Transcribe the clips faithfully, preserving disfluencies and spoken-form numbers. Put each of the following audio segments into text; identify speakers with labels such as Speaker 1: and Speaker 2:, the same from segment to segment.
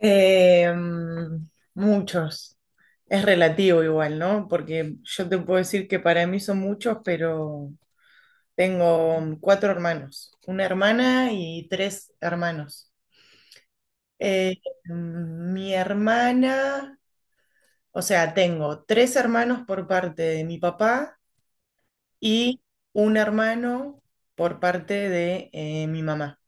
Speaker 1: Eh, mm, Muchos. Es relativo igual, ¿no? Porque yo te puedo decir que para mí son muchos, pero tengo um, cuatro hermanos, una hermana y tres hermanos. Eh, mm, Mi hermana, o sea, tengo tres hermanos por parte de mi papá y un hermano por parte de eh, mi mamá.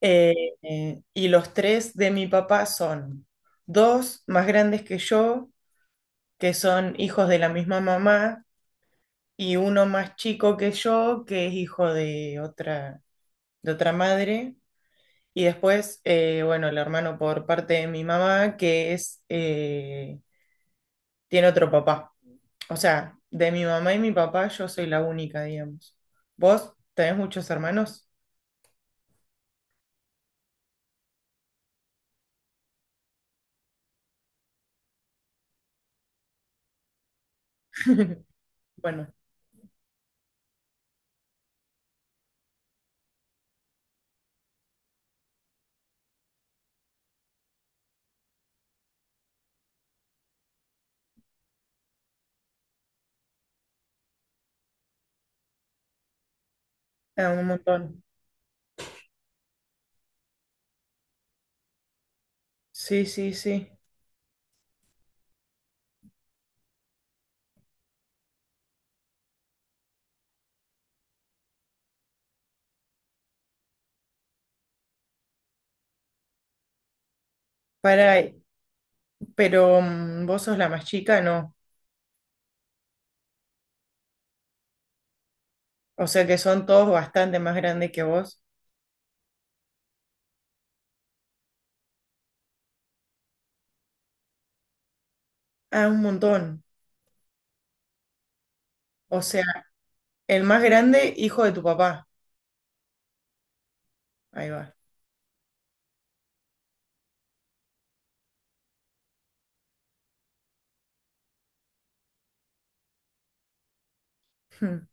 Speaker 1: Eh, eh, y los tres de mi papá son dos más grandes que yo que son hijos de la misma mamá, y uno más chico que yo, que es hijo de otra, de otra madre. Y después, eh, bueno, el hermano por parte de mi mamá, que es, eh, tiene otro papá. O sea, de mi mamá y mi papá, yo soy la única, digamos. ¿Vos tenés muchos hermanos? Bueno, eh, un montón. Sí, sí, sí. Para, pero mm, vos sos la más chica, no. O sea que son todos bastante más grandes que vos. Ah, un montón. O sea, el más grande, hijo de tu papá. Ahí va. Hmm.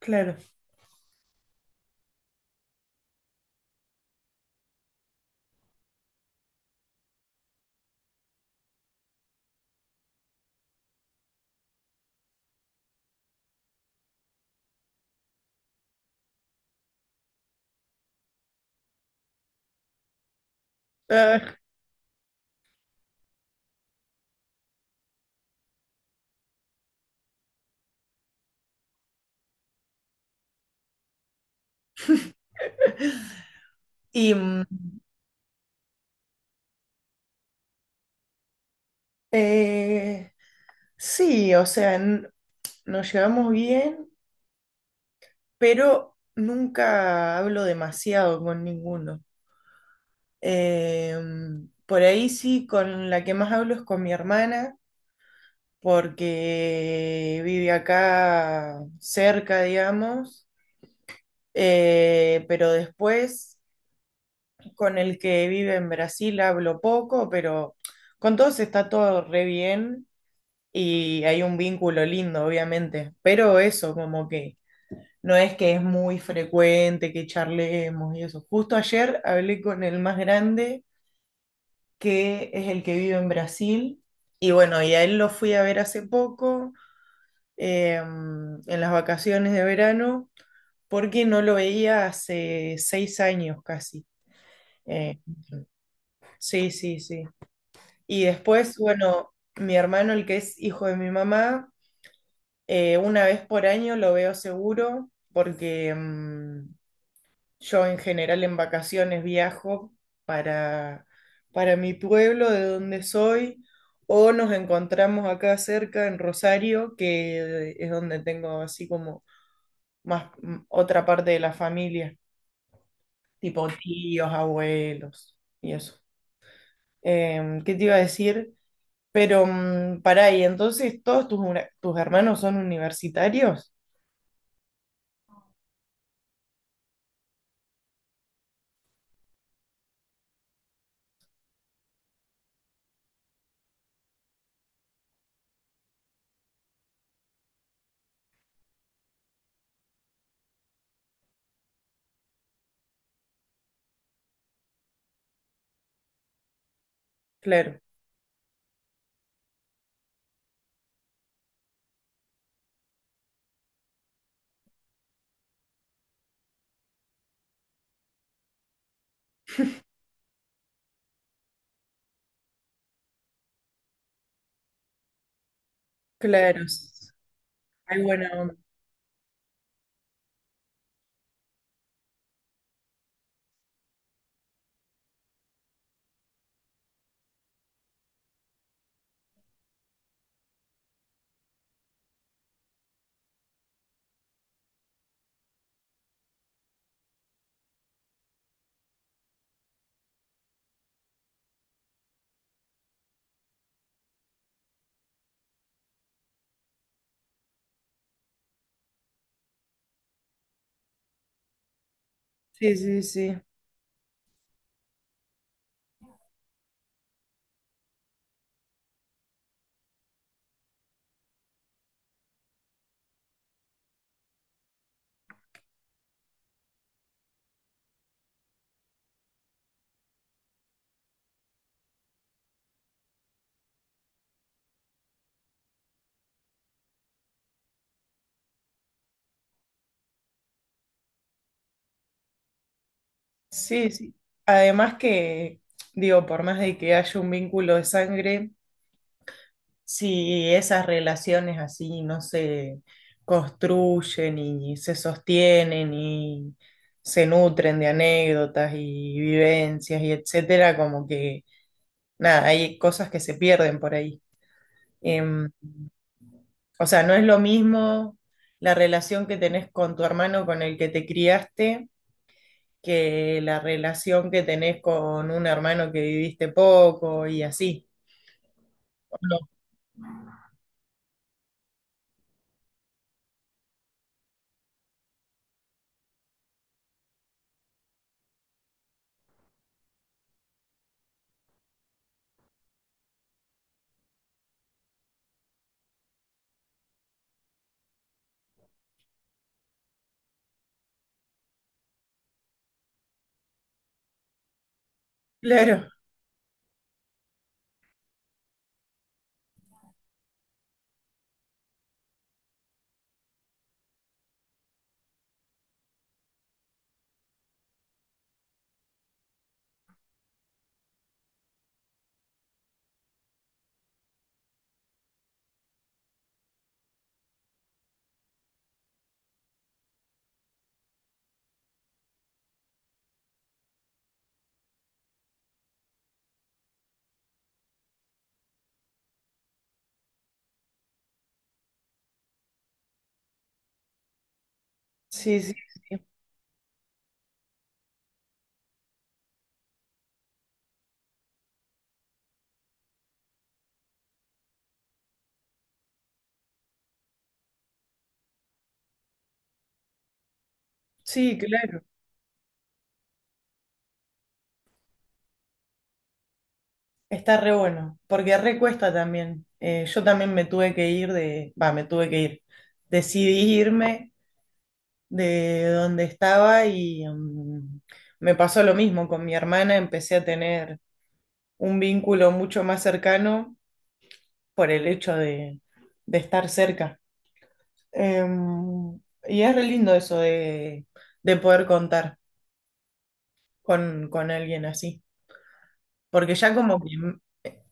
Speaker 1: Claro. Ah, y mm, eh, sí, o sea, n- nos llevamos bien, pero nunca hablo demasiado con ninguno. Eh, mm, por ahí sí, con la que más hablo es con mi hermana, porque vive acá cerca, digamos. Eh, pero después con el que vive en Brasil hablo poco, pero con todos está todo re bien y hay un vínculo lindo, obviamente. Pero eso, como que no es que es muy frecuente que charlemos y eso. Justo ayer hablé con el más grande, que es el que vive en Brasil, y bueno, y a él lo fui a ver hace poco, eh, en las vacaciones de verano, porque no lo veía hace seis años casi. Eh, sí, sí, sí. Y después, bueno, mi hermano, el que es hijo de mi mamá, eh, una vez por año lo veo seguro porque mm, yo en general en vacaciones viajo para, para mi pueblo de donde soy o nos encontramos acá cerca en Rosario, que es donde tengo así como más mm, otra parte de la familia, tipo tíos, abuelos y eso. Em, ¿qué te iba a decir? Pero mm, pará, ¿y entonces todos tus, una- tus hermanos son universitarios? Claro, claro. Hay buena onda. Sí, sí, sí. Sí, sí. Además que, digo, por más de que haya un vínculo de sangre, si esas relaciones así no se construyen y se sostienen y se nutren de anécdotas y vivencias y etcétera, como que, nada, hay cosas que se pierden por ahí. Em. O sea, no es lo mismo la relación que tenés con tu hermano con el que te criaste que la relación que tenés con un hermano que viviste poco y así. No. Claro, sí, sí, sí, sí, claro. Está re bueno, porque re cuesta también. Eh, yo también me tuve que ir de, va, me tuve que ir. Decidí irme de donde estaba y mm, me pasó lo mismo con mi hermana. Empecé a tener un vínculo mucho más cercano por el hecho de, de estar cerca. Em, y es re lindo eso de, de poder contar con, con alguien así, porque ya como que en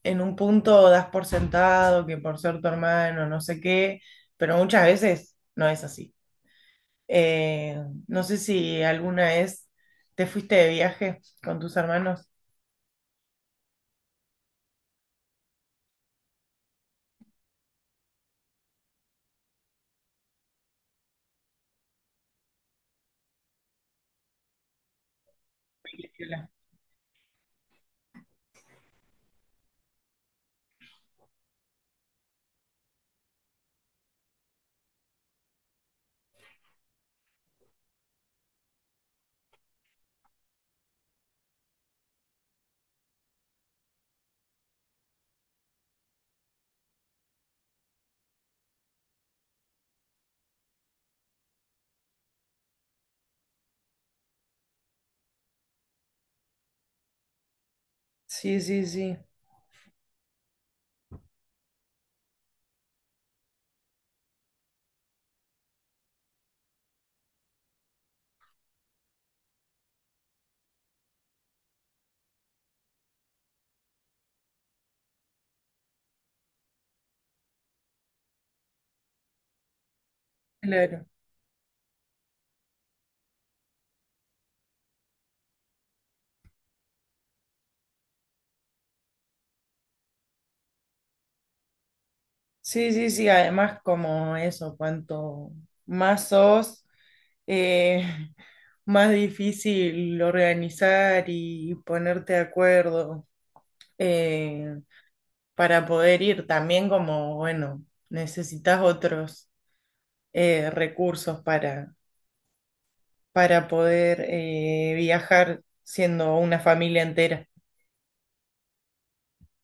Speaker 1: en un punto das por sentado que por ser tu hermano, no sé qué, pero muchas veces no es así. Eh, no sé si alguna vez te fuiste de viaje con tus hermanos. Sí, sí, sí, claro. Sí, sí, sí, además como eso, cuanto más sos, eh, más difícil organizar y ponerte de acuerdo eh, para poder ir. También como, bueno, necesitas otros eh, recursos para, para poder eh, viajar siendo una familia entera.